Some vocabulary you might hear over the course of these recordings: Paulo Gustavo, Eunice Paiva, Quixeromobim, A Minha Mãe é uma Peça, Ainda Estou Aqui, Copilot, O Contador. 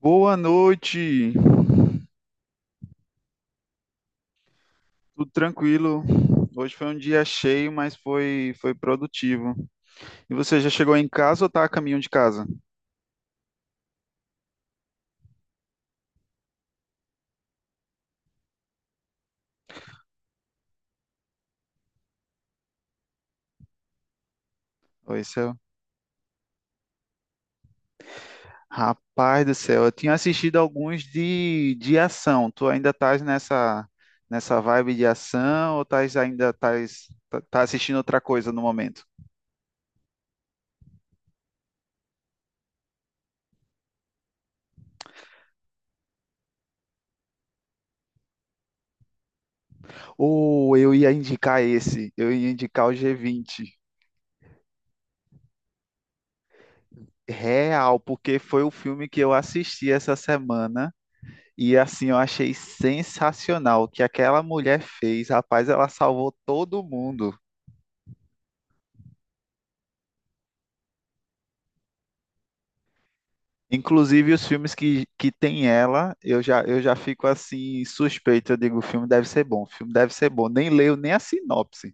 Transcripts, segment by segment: Boa noite, tudo tranquilo. Hoje foi um dia cheio, mas foi produtivo. E você já chegou em casa ou tá a caminho de casa? Oi, céu. Rapaz do céu, eu tinha assistido alguns de ação. Tu ainda estás nessa, nessa vibe de ação ou estás ainda estás tá assistindo outra coisa no momento? Ou eu ia indicar esse, eu ia indicar o G20. Real, porque foi o filme que eu assisti essa semana. E assim, eu achei sensacional o que aquela mulher fez. Rapaz, ela salvou todo mundo. Inclusive os filmes que tem ela, eu já fico assim suspeito. Eu digo, o filme deve ser bom, o filme deve ser bom. Nem leio nem a sinopse.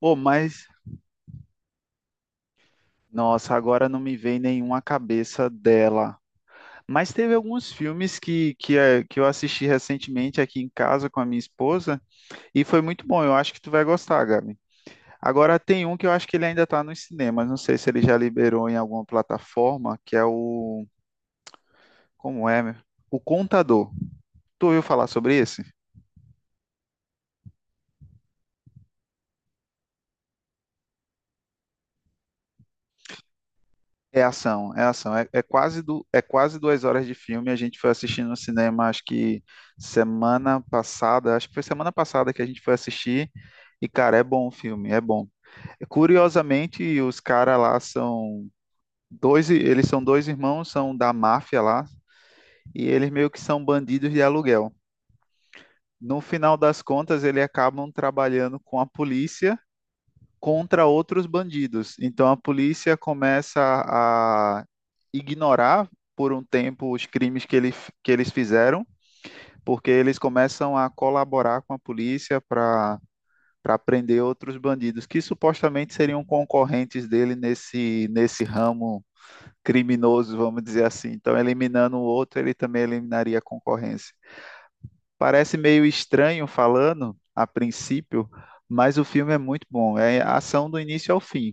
Pô, mas, nossa, agora não me vem nenhuma cabeça dela. Mas teve alguns filmes que eu assisti recentemente aqui em casa com a minha esposa e foi muito bom. Eu acho que tu vai gostar, Gabi. Agora tem um que eu acho que ele ainda está nos cinemas, não sei se ele já liberou em alguma plataforma, que é o. Como é, meu? O Contador. Tu ouviu falar sobre esse? É ação, é ação. É, é quase 2 horas de filme. A gente foi assistindo no cinema, acho que semana passada, acho que foi semana passada que a gente foi assistir. E, cara, é bom o filme, é bom. Curiosamente, os caras lá são dois, eles são dois irmãos, são da máfia lá, e eles meio que são bandidos de aluguel. No final das contas, eles acabam trabalhando com a polícia contra outros bandidos. Então a polícia começa a ignorar por um tempo os crimes que eles fizeram, porque eles começam a colaborar com a polícia para prender outros bandidos que supostamente seriam concorrentes dele nesse ramo criminoso, vamos dizer assim. Então, eliminando o outro, ele também eliminaria a concorrência. Parece meio estranho falando a princípio, mas o filme é muito bom. É ação do início ao fim.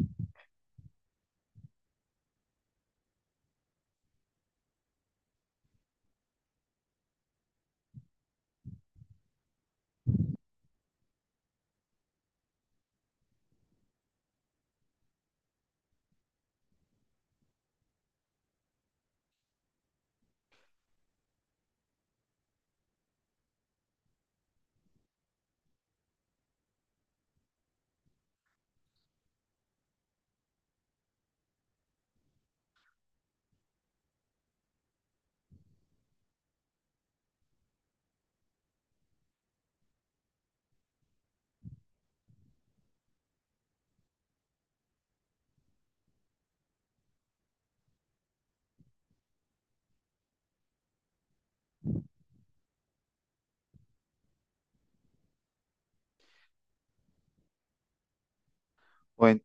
Foi-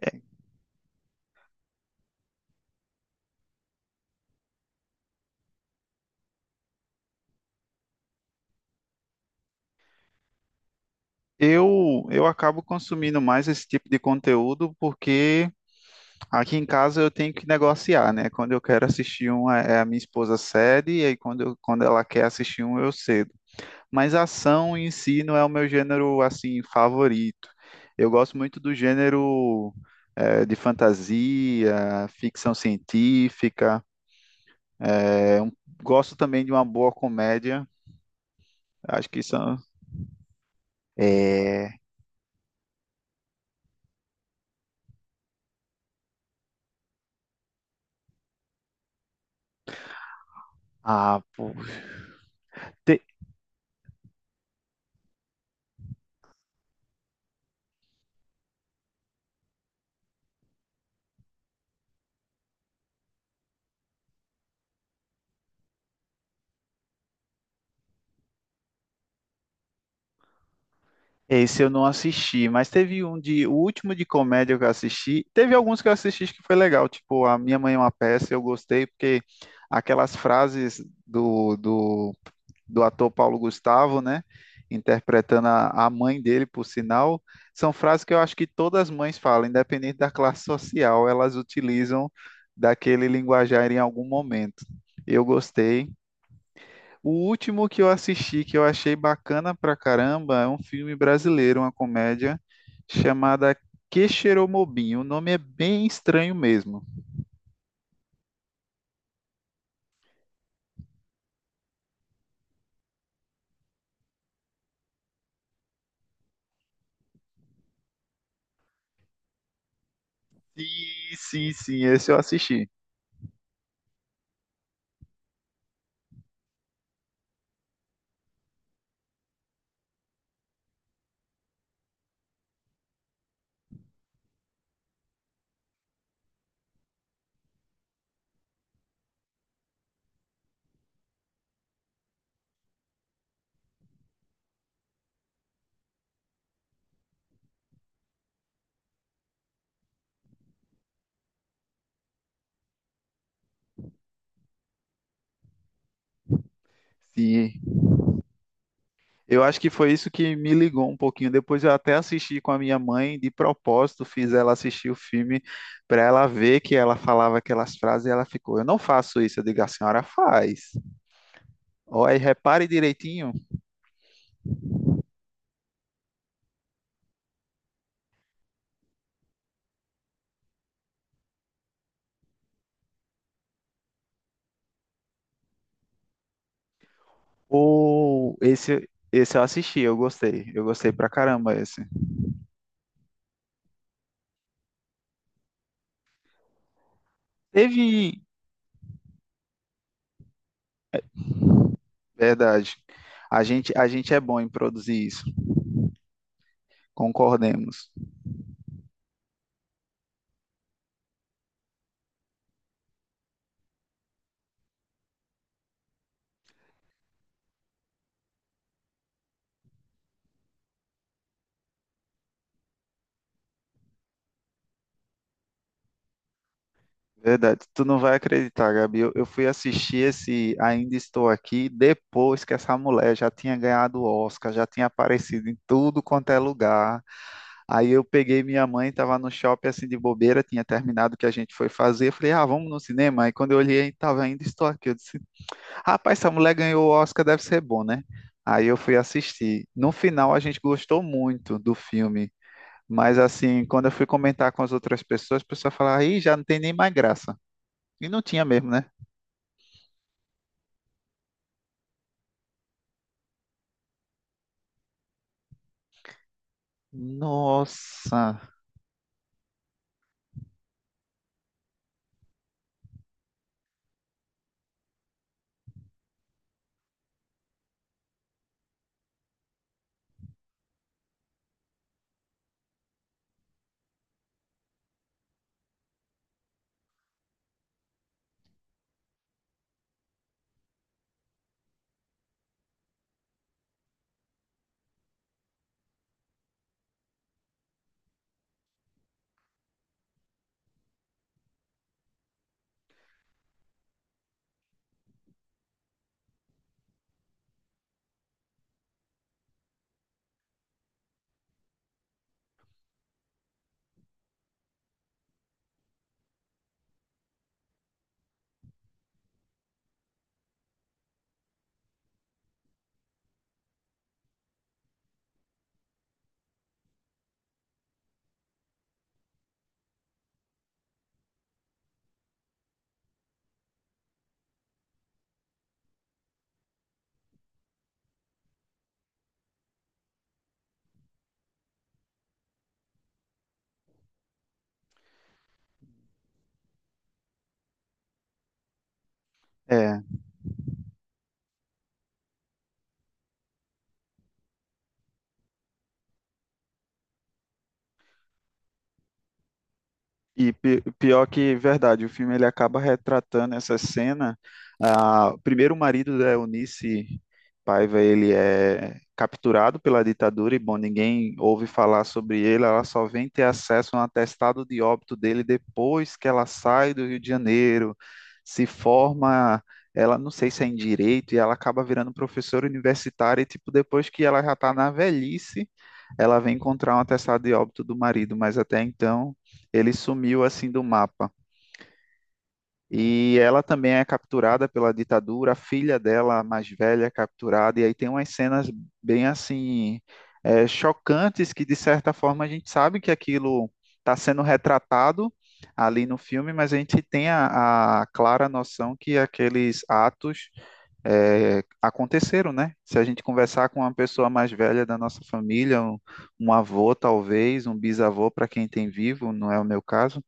é, eu acabo consumindo mais esse tipo de conteúdo porque aqui em casa eu tenho que negociar, né? Quando eu quero assistir um, é a minha esposa cede, e aí quando ela quer assistir um, eu cedo. Mas ação em si não é o meu gênero, assim, favorito. Eu gosto muito do gênero, de fantasia, ficção científica. É um- Gosto também de uma boa comédia. Acho que são. É... é, Ah, pô. Te- Esse eu não assisti, mas teve um de. O último de comédia que eu assisti. Teve alguns que eu assisti que foi legal. Tipo, A Minha Mãe é uma Peça, eu gostei, porque aquelas frases do ator Paulo Gustavo, né? Interpretando a mãe dele, por sinal, são frases que eu acho que todas as mães falam, independente da classe social, elas utilizam daquele linguajar em algum momento. Eu gostei. O último que eu assisti, que eu achei bacana pra caramba, é um filme brasileiro, uma comédia chamada Quixeromobim. O nome é bem estranho mesmo. Sim, sim, sim, esse eu assisti. Sim, eu acho que foi isso que me ligou um pouquinho. Depois eu até assisti com a minha mãe, de propósito, fiz ela assistir o filme para ela ver que ela falava aquelas frases e ela ficou: eu não faço isso. Eu digo: a senhora faz. Olha, repare direitinho. Ou esse eu assisti, eu gostei. Eu gostei pra caramba esse. Teve, verdade. A gente é bom em produzir isso, concordemos. Verdade, tu não vai acreditar, Gabi. Eu fui assistir esse Ainda Estou Aqui depois que essa mulher já tinha ganhado o Oscar, já tinha aparecido em tudo quanto é lugar. Aí eu peguei minha mãe, estava no shopping assim de bobeira, tinha terminado o que a gente foi fazer. Eu falei, ah, vamos no cinema. Aí quando eu olhei, tava Ainda Estou Aqui. Eu disse, rapaz, essa mulher ganhou o Oscar, deve ser bom, né? Aí eu fui assistir. No final, a gente gostou muito do filme. Mas assim, quando eu fui comentar com as outras pessoas, a pessoa falava, aí já não tem nem mais graça. E não tinha mesmo, né? Nossa. É. E pior que verdade, o filme ele acaba retratando essa cena. Ah, o primeiro marido da Eunice Paiva, ele é capturado pela ditadura e bom, ninguém ouve falar sobre ele, ela só vem ter acesso a um atestado de óbito dele depois que ela sai do Rio de Janeiro, se forma, ela não sei se é em direito e ela acaba virando professora universitária e tipo depois que ela já está na velhice ela vem encontrar um atestado de óbito do marido, mas até então ele sumiu assim do mapa. E ela também é capturada pela ditadura, a filha dela, a mais velha, é capturada, e aí tem umas cenas bem assim chocantes que, de certa forma, a gente sabe que aquilo está sendo retratado ali no filme, mas a gente tem a clara noção que aqueles atos aconteceram, né? Se a gente conversar com uma pessoa mais velha da nossa família, um avô talvez, um bisavô para quem tem vivo, não é o meu caso,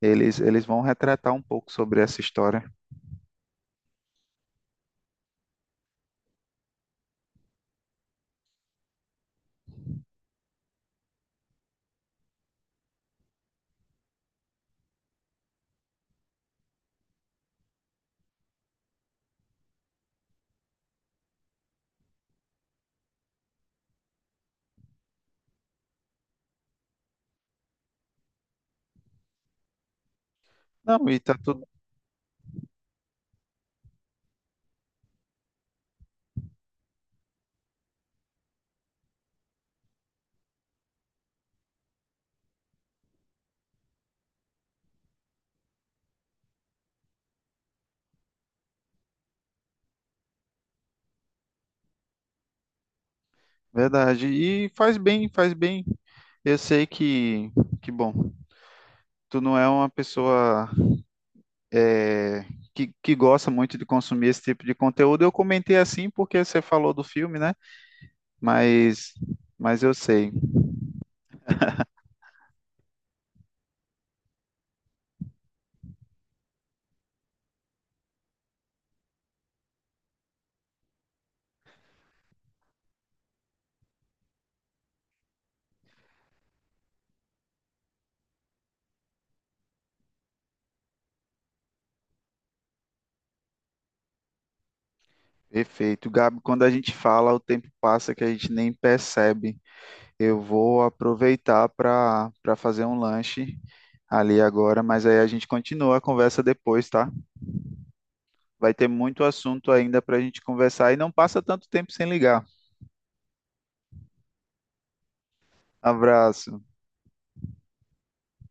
eles vão retratar um pouco sobre essa história. Não, e tá tudo verdade. E faz bem, faz bem. Eu sei que bom, tu não é uma pessoa é, que gosta muito de consumir esse tipo de conteúdo. Eu comentei assim porque você falou do filme, né? Mas, mas eu sei. Perfeito, Gabi. Quando a gente fala, o tempo passa que a gente nem percebe. Eu vou aproveitar para fazer um lanche ali agora, mas aí a gente continua a conversa depois, tá? Vai ter muito assunto ainda para a gente conversar e não passa tanto tempo sem ligar. Abraço.